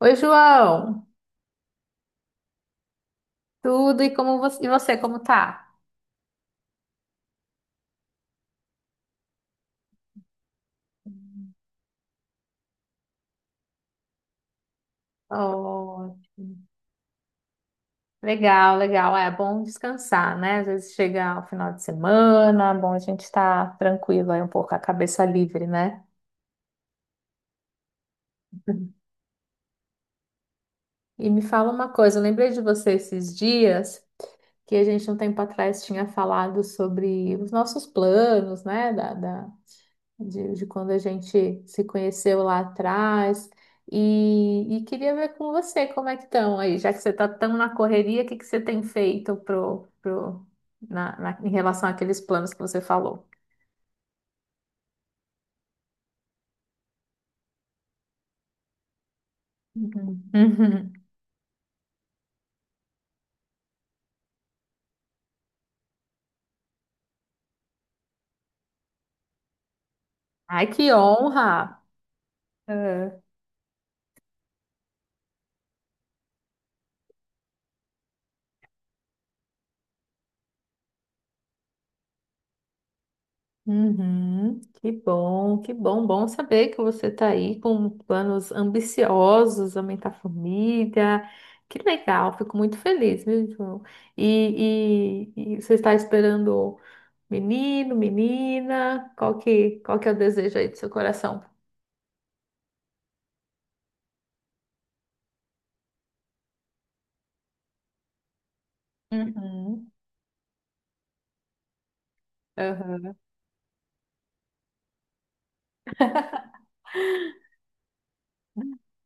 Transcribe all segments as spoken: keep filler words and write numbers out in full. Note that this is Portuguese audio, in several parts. Oi, João. Tudo. E como você, e você, como tá? Ótimo. Legal, legal. É bom descansar, né? Às vezes chega o final de semana, é bom a gente estar tranquilo aí um pouco, a cabeça livre, né? E me fala uma coisa, eu lembrei de você esses dias que a gente um tempo atrás tinha falado sobre os nossos planos, né? Da, da, de, de quando a gente se conheceu lá atrás. E, e queria ver com você como é que estão aí, já que você está tão na correria, o que que você tem feito pro, pro, na, na- em relação àqueles planos que você falou? Uhum. Uhum. Ai, que honra! Uhum, que bom, que bom, bom saber que você está aí com planos ambiciosos, aumentar a família. Que legal, fico muito feliz, viu, João? E, e- e você está esperando menino, menina? Qual que, qual que é o desejo aí do seu coração? Uhum, aham.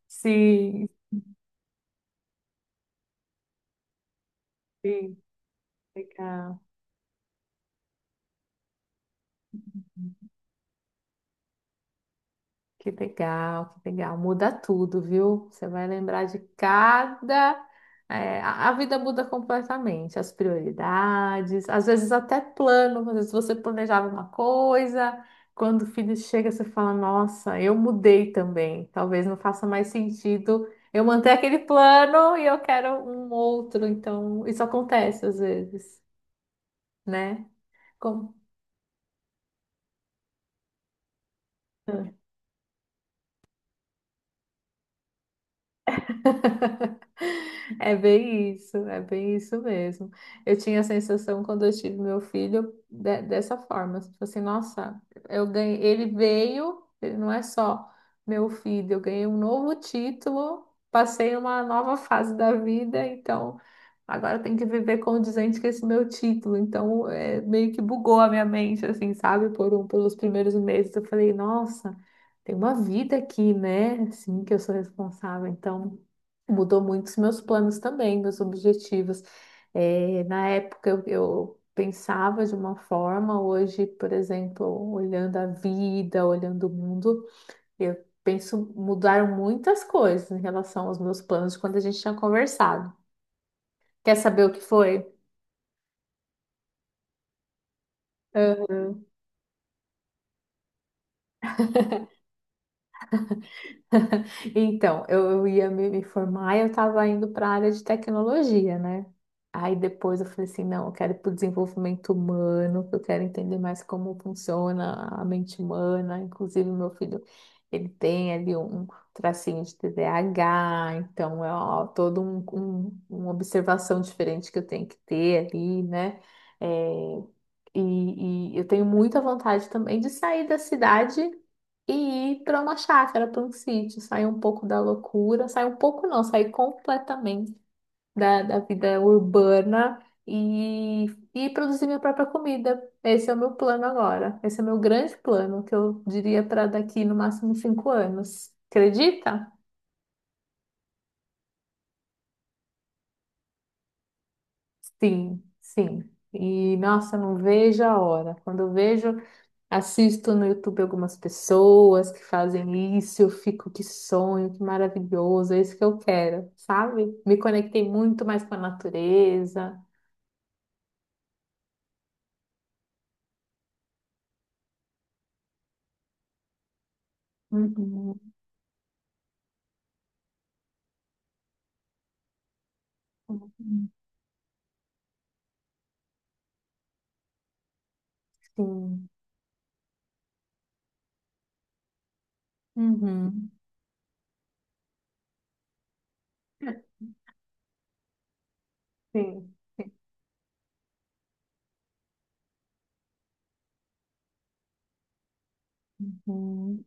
Sim, sim, legal. Que legal, que legal. Muda tudo, viu? Você vai lembrar de cada. É, a a vida muda completamente, as prioridades, às vezes até plano. Às vezes você planejava uma coisa, quando o filho chega, você fala: "Nossa, eu mudei também. Talvez não faça mais sentido eu manter aquele plano e eu quero um outro". Então, isso acontece às vezes, né? Como? É bem isso, é bem isso mesmo. Eu tinha a sensação quando eu tive meu filho de- dessa forma, tipo assim, nossa, eu ganhei, ele veio, ele não é só meu filho, eu ganhei um novo título, passei uma nova fase da vida, então agora eu tenho que viver condizente com esse meu título. Então, é, meio que bugou a minha mente, assim, sabe? Por um, pelos primeiros meses eu falei, nossa, tem uma vida aqui, né? Assim, que eu sou responsável, então mudou muito os meus planos também, meus objetivos. Eh, na época eu, eu pensava de uma forma, hoje, por exemplo, olhando a vida, olhando o mundo, eu penso, mudaram muitas coisas em relação aos meus planos de quando a gente tinha conversado. Quer saber o que foi? Então, eu eu ia me me formar e eu estava indo para a área de tecnologia, né? Aí depois eu falei assim, não, eu quero ir para o desenvolvimento humano, que eu quero entender mais como funciona a mente humana. Inclusive, meu filho, ele tem ali um um tracinho de T D A H, então é ó, todo um, um- uma observação diferente que eu tenho que ter ali, né? É, e, e eu tenho muita vontade também de sair da cidade e ir para uma chácara, para um sítio, sair um pouco da loucura, sair um pouco não, sair completamente da, da vida urbana e, e produzir minha própria comida. Esse é o meu plano agora. Esse é o meu grande plano, que eu diria para daqui no máximo cinco anos. Acredita? Sim, sim. E nossa, não vejo a hora. Quando eu vejo. Assisto no YouTube algumas pessoas que fazem isso, eu fico, que sonho, que maravilhoso, é isso que eu quero, sabe? Me conectei muito mais com a natureza. Uhum. Uhum. Sim. Uhum. Sim. Uhum.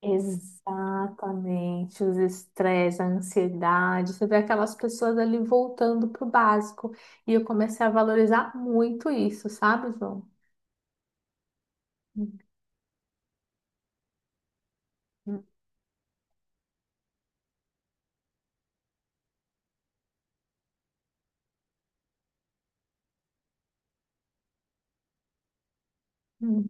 Exatamente, os estresses, a ansiedade, você vê aquelas pessoas ali voltando pro básico. E eu comecei a valorizar muito isso, sabe, João? Uhum.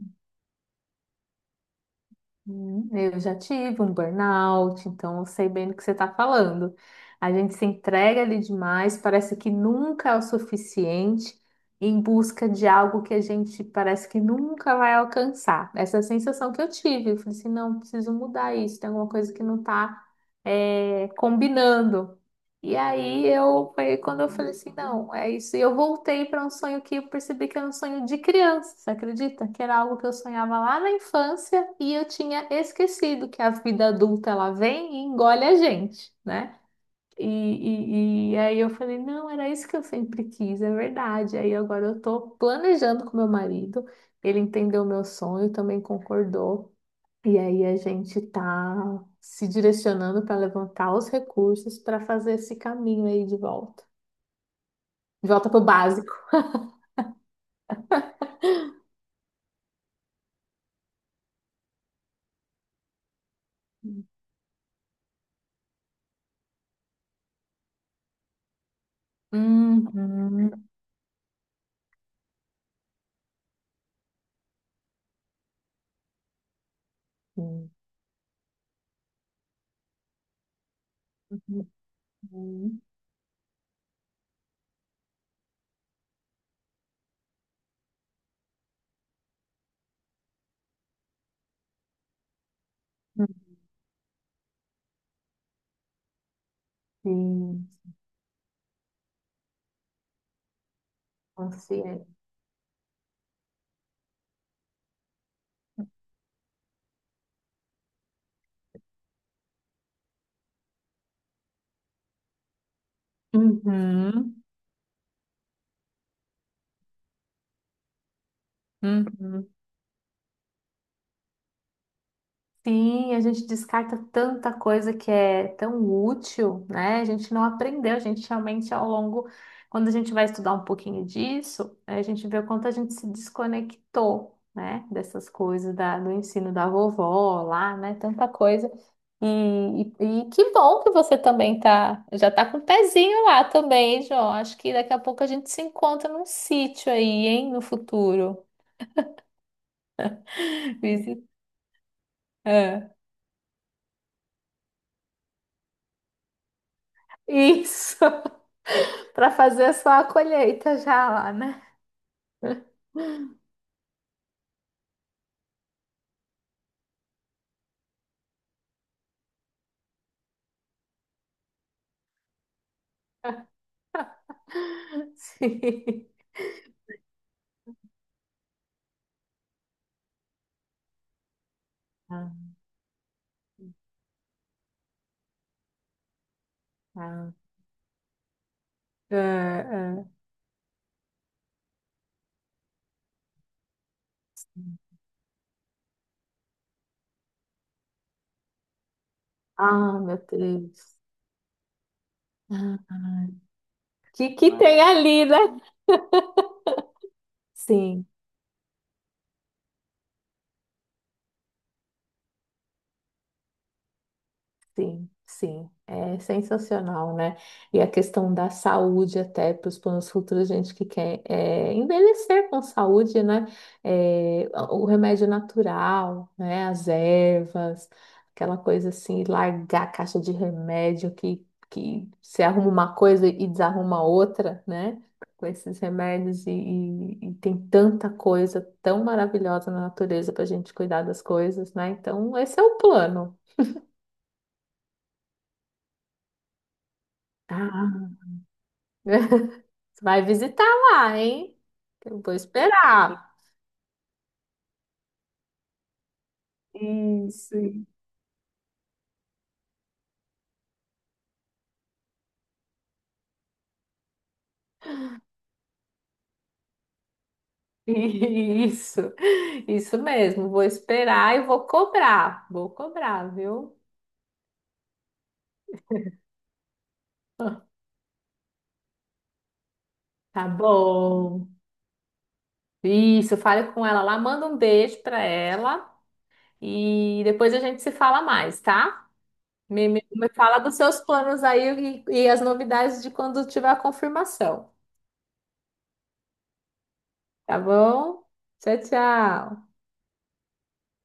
Hum, eu já tive um burnout, então eu sei bem do que você está falando. A gente se entrega ali demais, parece que nunca é o suficiente em busca de algo que a gente parece que nunca vai alcançar. Essa é a sensação que eu tive, eu falei assim, não, preciso mudar isso, tem alguma coisa que não está combinando. E aí eu foi quando eu falei assim, não, é isso. E eu voltei para um sonho que eu percebi que era um sonho de criança, você acredita? Que era algo que eu sonhava lá na infância e eu tinha esquecido que a vida adulta ela vem e engole a gente, né? E, e, e aí eu falei, não, era isso que eu sempre quis, é verdade. Aí agora eu tô planejando com meu marido, ele entendeu o meu sonho, também concordou. E aí a gente tá se direcionando para levantar os recursos para fazer esse caminho aí de volta. De volta pro básico. Uhum. Uhum. Uhum. Sim, consciente. Uhum. Uhum. Sim, a gente descarta tanta coisa que é tão útil, né? A gente não aprendeu, a gente realmente ao longo, quando a gente vai estudar um pouquinho disso, a gente vê o quanto a gente se desconectou, né? Dessas coisas da, do ensino da vovó lá, né? Tanta coisa. E, e, e que bom que você também tá, já tá com o pezinho lá também, hein, João. Acho que daqui a pouco a gente se encontra num sítio aí, hein? No futuro. Visi- Ah, isso. Para fazer só a colheita já lá, né? Sim. Ah, ah. É, é. Ah, meu Deus. Ah, ah. Que que tem ali, né? Sim. Sim, sim, é sensacional, né? E a questão da saúde até para os planos futuros, gente que quer é envelhecer com saúde, né? É, o remédio natural, né? As ervas, aquela coisa assim, largar a caixa de remédio que, que se arruma uma coisa e desarruma outra, né? Com esses remédios e, e e tem tanta coisa tão maravilhosa na natureza para a gente cuidar das coisas, né? Então, esse é o plano. Ah. Você vai visitar lá, hein? Eu vou esperar. Isso, isso, isso mesmo. Vou esperar e vou cobrar. Vou cobrar, viu? Tá bom. Isso, fale com ela lá, manda um beijo pra ela e depois a gente se fala mais, tá? Me, me- me fala dos seus planos aí e, e as novidades de quando tiver a confirmação, tá bom? Tchau, tchau.